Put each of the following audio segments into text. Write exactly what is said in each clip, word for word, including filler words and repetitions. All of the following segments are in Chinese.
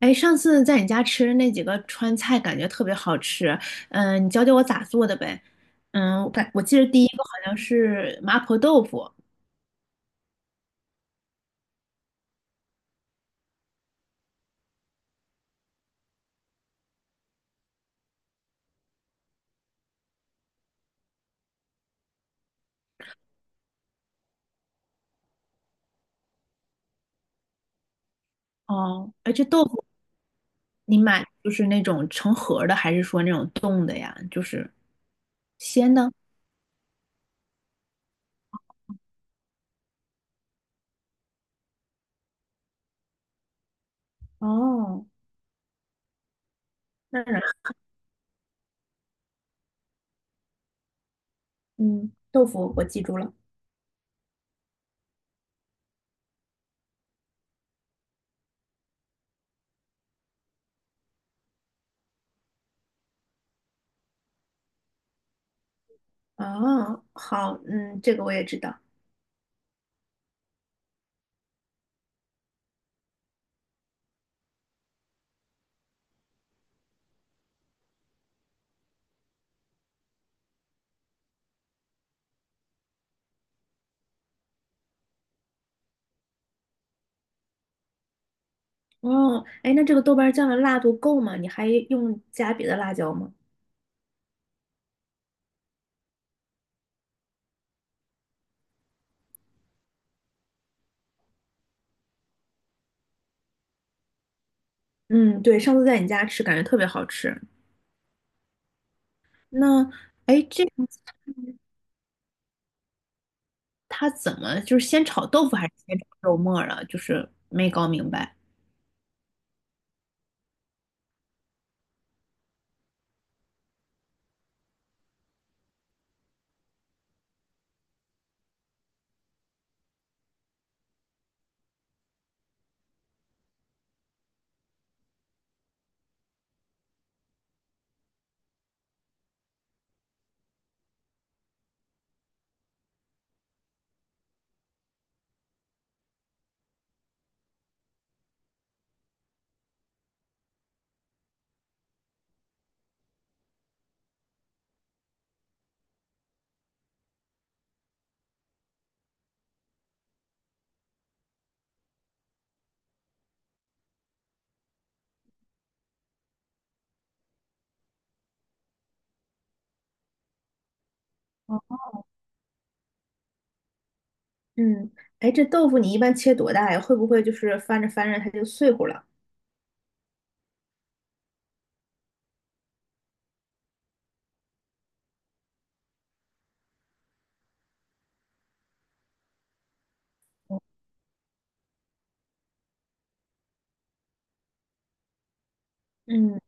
哎，上次在你家吃的那几个川菜，感觉特别好吃。嗯，你教教我咋做的呗？嗯，我感我记得第一个好像是麻婆豆腐。哦，哎，这豆腐你买就是那种成盒儿的，还是说那种冻的呀？就是鲜的？哦，那嗯，豆腐我记住了。哦，好，嗯，这个我也知道。哦，哎，那这个豆瓣酱的辣度够吗？你还用加别的辣椒吗？嗯，对，上次在你家吃，感觉特别好吃。那哎，诶这样子它怎么就是先炒豆腐还是先炒肉末儿了？就是没搞明白。哦嗯，哎，这豆腐你一般切多大呀？会不会就是翻着翻着它就碎乎了？嗯，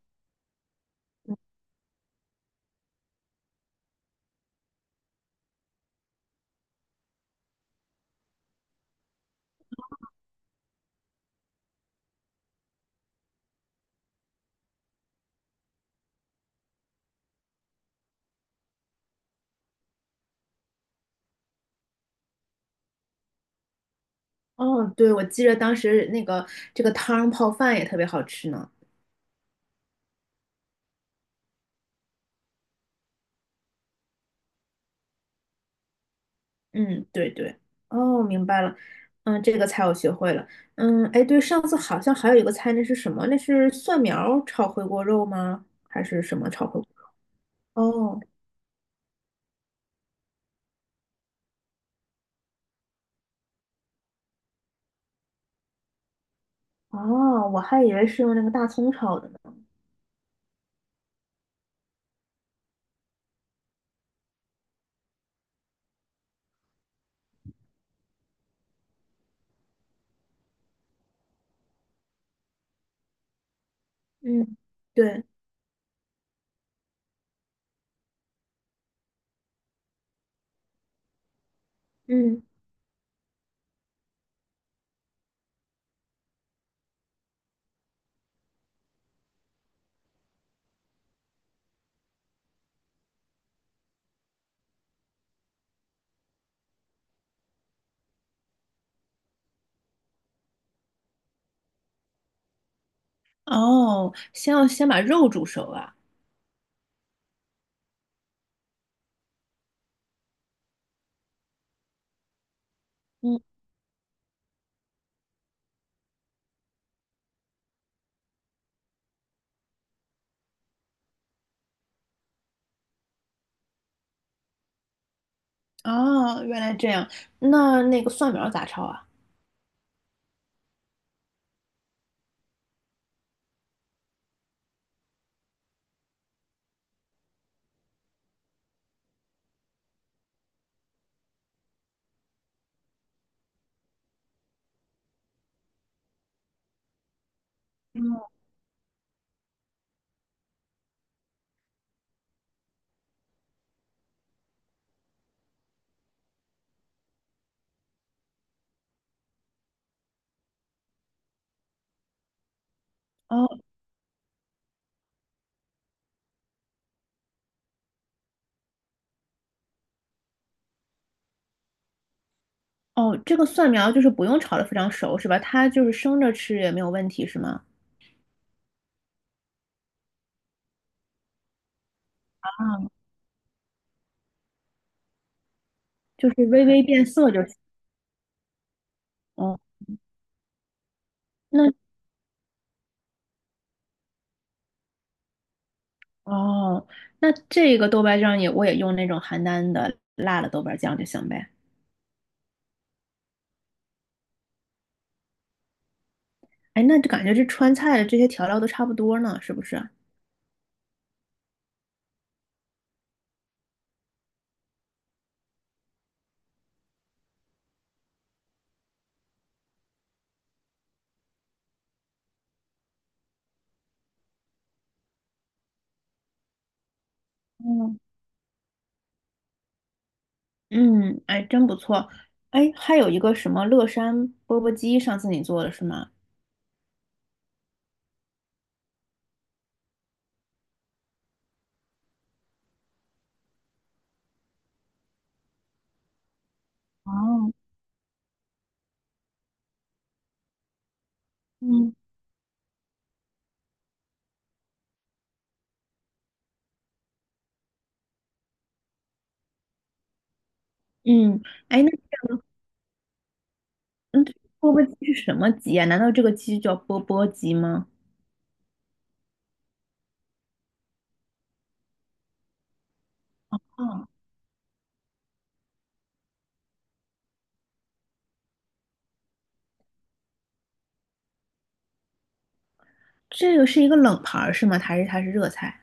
哦，对，我记着当时那个这个汤泡饭也特别好吃呢。嗯，对对，哦，明白了。嗯，这个菜我学会了。嗯，哎，对，上次好像还有一个菜，那是什么？那是蒜苗炒回锅肉吗？还是什么炒回锅？哦，哦，我还以为是用那个大葱炒的呢。嗯，对，嗯哦，先要先把肉煮熟啊。嗯，哦，原来这样。那那个蒜苗咋炒啊？嗯哦哦，这个蒜苗就是不用炒的，非常熟是吧？它就是生着吃也没有问题是吗？啊，就是微微变色就行。哦，那哦，那这个豆瓣酱也我也用那种邯郸的辣的豆瓣酱就行呗。哎，那就感觉这川菜的这些调料都差不多呢，是不是？嗯。嗯，哎，真不错。哎，还有一个什么乐山钵钵鸡，上次你做的是吗？哦，嗯，嗯，哎，那嗯，钵钵鸡是什么鸡啊？难道这个鸡就叫钵钵鸡吗？哦，这个是一个冷盘儿是吗？还是它是热菜？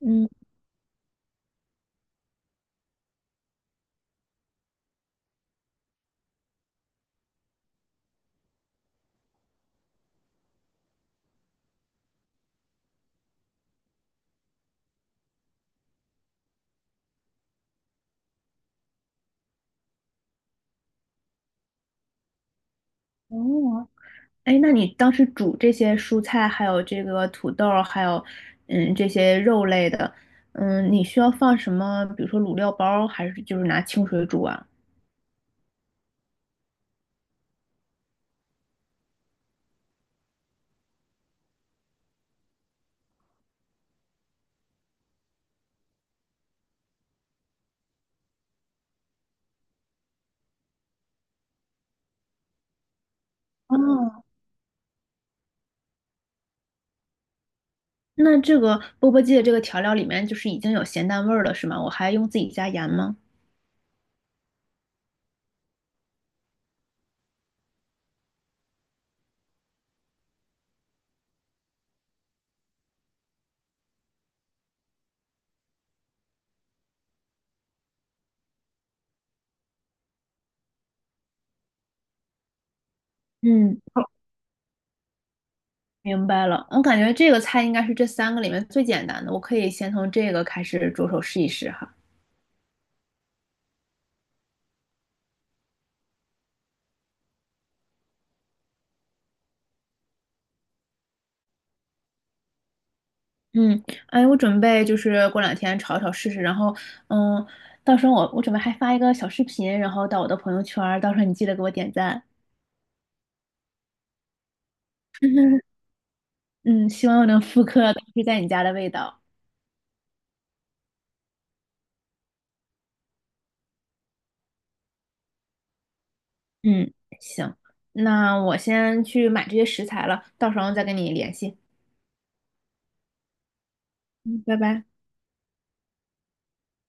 嗯，哦，哎，那你当时煮这些蔬菜，还有这个土豆儿，还有嗯这些肉类的，嗯，你需要放什么？比如说卤料包儿，还是就是拿清水煮啊？哦。那这个钵钵鸡的这个调料里面就是已经有咸淡味儿了，是吗？我还用自己加盐吗？嗯，明白了。我感觉这个菜应该是这三个里面最简单的，我可以先从这个开始着手试一试哈。嗯，哎，我准备就是过两天炒一炒试试，然后嗯，到时候我我准备还发一个小视频，然后到我的朋友圈儿，到时候你记得给我点赞。嗯，希望我能复刻当时在你家的味道。嗯，行，那我先去买这些食材了，到时候再跟你联系。嗯，拜拜。